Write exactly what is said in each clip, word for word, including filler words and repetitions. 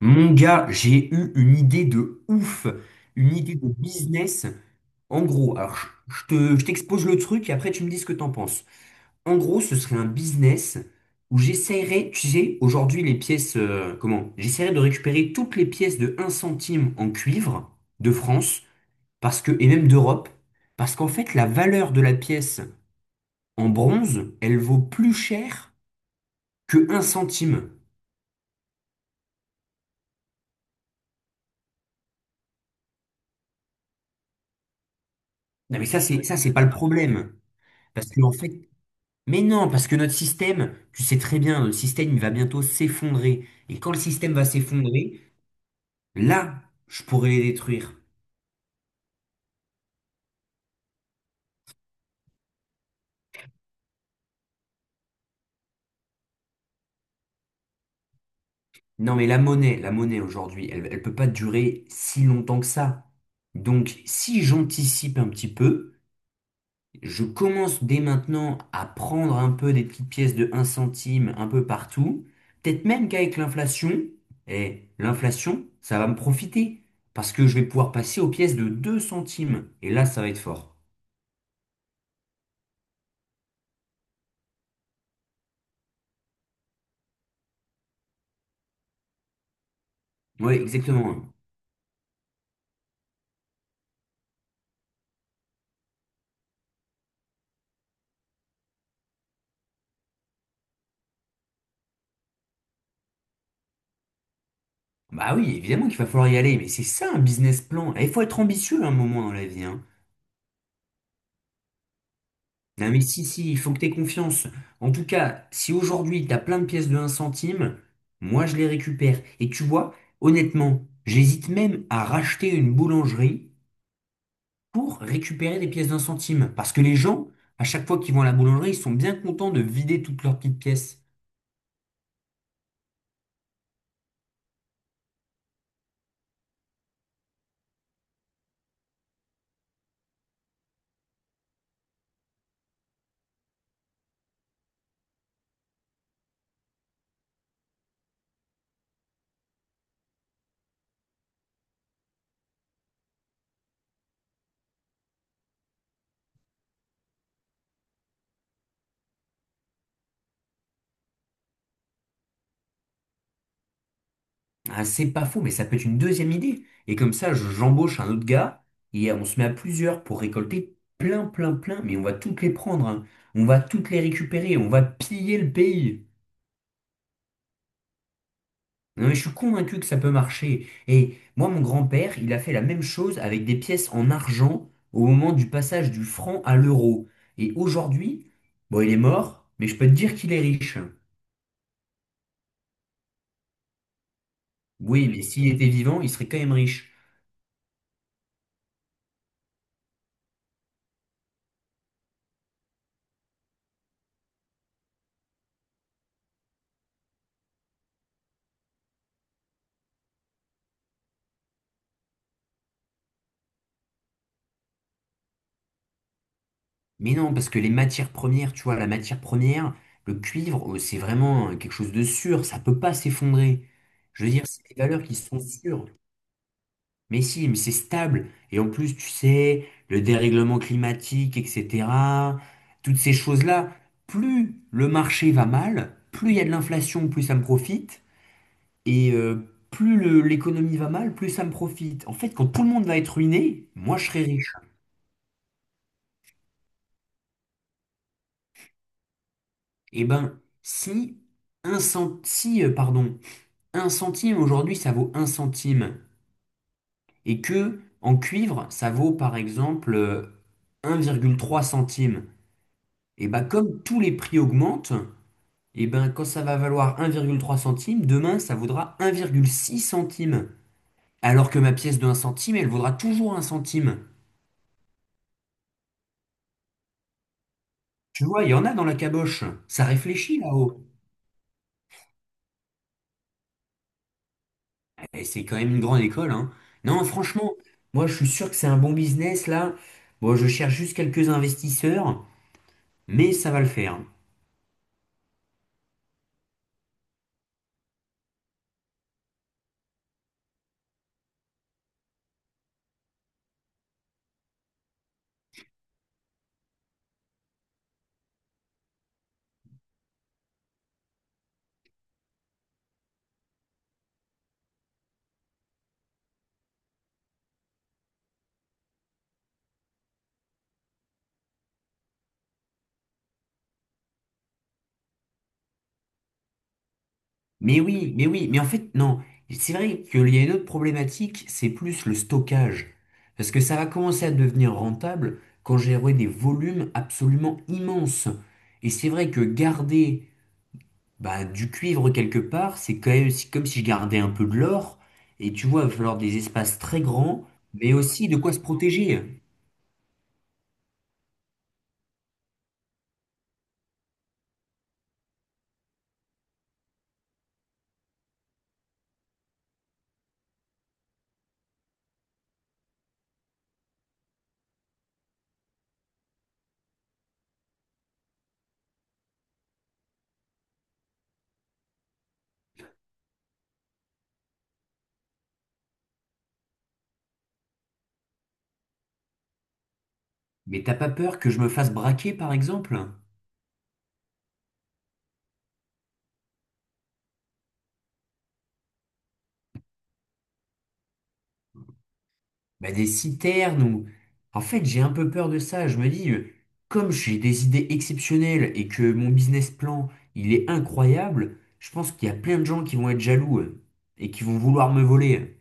Mon gars, j'ai eu une idée de ouf, une idée de business. En gros, alors je je te- je t'expose le truc et après tu me dis ce que t'en penses. En gros, ce serait un business où j'essaierais, tu sais, aujourd'hui les pièces, euh, comment? J'essaierais de récupérer toutes les pièces de un centime en cuivre de France, parce que, et même d'Europe, parce qu'en fait la valeur de la pièce en bronze, elle vaut plus cher que un centime. Non mais ça c'est ça c'est pas le problème. Parce que en fait, mais non, parce que notre système, tu sais très bien, notre système, il va bientôt s'effondrer. Et quand le système va s'effondrer, là, je pourrais les détruire. Non, mais la monnaie, la monnaie aujourd'hui, elle, elle peut pas durer si longtemps que ça. Donc, si j'anticipe un petit peu, je commence dès maintenant à prendre un peu des petites pièces de un centime un peu partout. Peut-être même qu'avec l'inflation, et l'inflation, ça va me profiter. Parce que je vais pouvoir passer aux pièces de deux centimes. Et là, ça va être fort. Oui, exactement. Bah oui, évidemment qu'il va falloir y aller, mais c'est ça un business plan. Et il faut être ambitieux à un moment dans la vie. Hein. Non, mais si, si, il faut que tu aies confiance. En tout cas, si aujourd'hui tu as plein de pièces de un centime, moi je les récupère. Et tu vois, honnêtement, j'hésite même à racheter une boulangerie pour récupérer des pièces d'un centime. Parce que les gens, à chaque fois qu'ils vont à la boulangerie, ils sont bien contents de vider toutes leurs petites pièces. Ah, c'est pas faux, mais ça peut être une deuxième idée. Et comme ça, je- j'embauche un autre gars et on se met à plusieurs pour récolter plein, plein, plein. Mais on va toutes les prendre, hein. On va toutes les récupérer. On va piller le pays. Non, mais je suis convaincu que ça peut marcher. Et moi, mon grand-père, il a fait la même chose avec des pièces en argent au moment du passage du franc à l'euro. Et aujourd'hui, bon, il est mort, mais je peux te dire qu'il est riche. Oui, mais s'il était vivant, il serait quand même riche. Mais non, parce que les matières premières, tu vois, la matière première, le cuivre, euh, c'est vraiment euh, quelque chose de sûr, ça peut pas s'effondrer. Je veux dire, c'est des valeurs qui sont sûres. Mais si, mais c'est stable. Et en plus, tu sais, le dérèglement climatique, et cetera, toutes ces choses-là, plus le marché va mal, plus il y a de l'inflation, plus ça me profite. Et euh, plus le- l'économie va mal, plus ça me profite. En fait, quand tout le monde va être ruiné, moi je serai riche. Eh ben, si un cent... si, euh, pardon, un centime aujourd'hui, ça vaut un centime. Et que en cuivre, ça vaut par exemple euh, un virgule trois centime. Et bah comme tous les prix augmentent, et ben quand ça va valoir un virgule trois centime, demain ça vaudra un virgule six centime. Alors que ma pièce de un centime, elle vaudra toujours un centime. Tu vois, il y en a dans la caboche. Ça réfléchit là-haut. Eh, c'est quand même une grande école, hein. Non, franchement, moi je suis sûr que c'est un bon business là. Bon, je cherche juste quelques investisseurs, mais ça va le faire. Mais oui, mais oui, mais en fait, non. C'est vrai qu'il y a une autre problématique, c'est plus le stockage. Parce que ça va commencer à devenir rentable quand j'aurai des volumes absolument immenses. Et c'est vrai que garder bah, du cuivre quelque part, c'est quand même si- comme si je gardais un peu de l'or. Et tu vois, il va falloir des espaces très grands, mais aussi de quoi se protéger. Mais t'as pas peur que je me fasse braquer, par exemple? Bah, des citernes ou... En fait, j'ai un peu peur de ça. Je me dis, euh, comme j'ai des idées exceptionnelles et que mon business plan, il est incroyable, je pense qu'il y a plein de gens qui vont être jaloux euh, et qui vont vouloir me voler.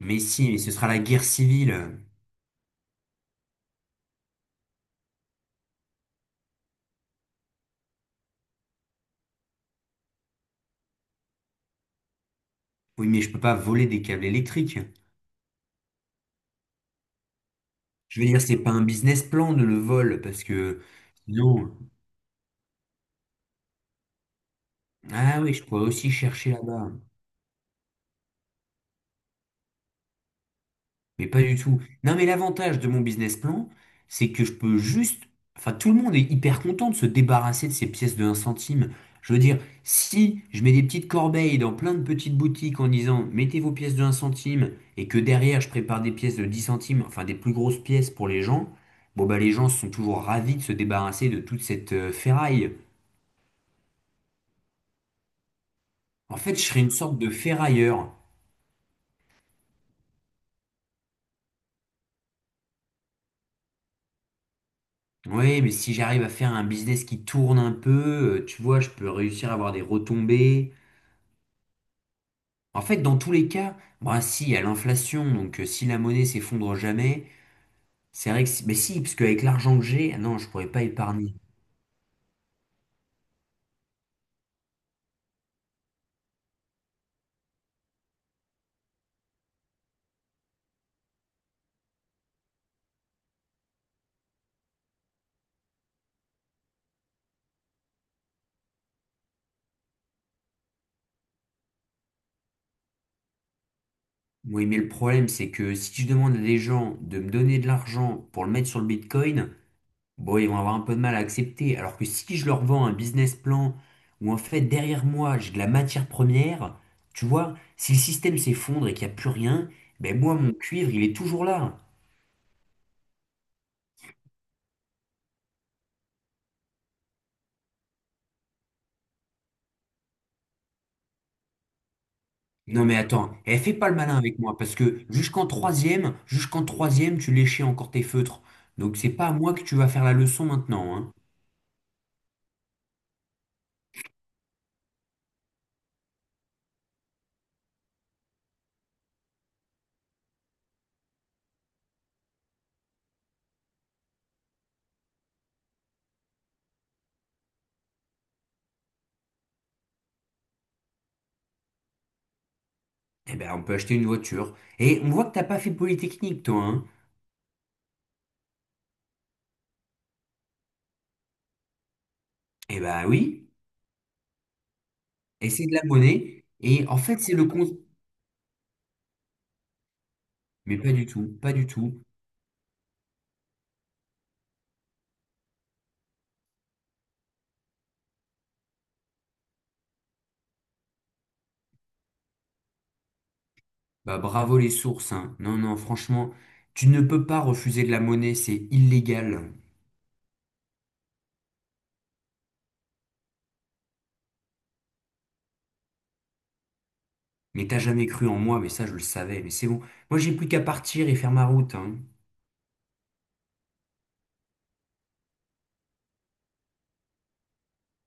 Mais si, mais ce sera la guerre civile. Oui, mais je peux pas voler des câbles électriques. Je veux dire, c'est pas un business plan de le vol parce que sinon... Ah oui, je pourrais aussi chercher là-bas. Mais pas du tout. Non, mais l'avantage de mon business plan, c'est que je peux juste... Enfin, tout le monde est hyper content de se débarrasser de ces pièces de un centime. Je veux dire, si je mets des petites corbeilles dans plein de petites boutiques en disant mettez vos pièces de un centime et que derrière je prépare des pièces de dix centimes, enfin des plus grosses pièces pour les gens, bon bah les gens sont toujours ravis de se débarrasser de toute cette euh, ferraille. En fait, je serais une sorte de ferrailleur. Oui, mais si j'arrive à faire un business qui tourne un peu, euh, tu vois, je peux réussir à avoir des retombées. En fait, dans tous les cas, bah si, il y a l'inflation, donc euh, si la monnaie s'effondre jamais, c'est vrai que si, mais si, parce qu'avec l'argent que j'ai, ah non, je pourrais pas épargner. Oui, mais le problème, c'est que si je demande à des gens de me donner de l'argent pour le mettre sur le Bitcoin, bon, ils vont avoir un peu de mal à accepter. Alors que si je leur vends un business plan où en fait derrière moi j'ai de la matière première, tu vois, si le système s'effondre et qu'il n'y a plus rien, ben moi mon cuivre il est toujours là. Non mais attends, eh, fais pas le malin avec moi, parce que jusqu'en troisième, jusqu'en troisième, tu léchais encore tes feutres. Donc c'est pas à moi que tu vas faire la leçon maintenant, hein. Eh ben on peut acheter une voiture. Et on voit que t'as pas fait Polytechnique, toi, hein. Eh ben oui, et c'est de la monnaie. Et en fait, c'est le compte. Mais pas du tout, pas du tout. Bah bravo les sources, hein. Non, non, franchement, tu ne peux pas refuser de la monnaie, c'est illégal. Mais t'as jamais cru en moi, mais ça je le savais, mais c'est bon. Moi j'ai plus qu'à partir et faire ma route, hein.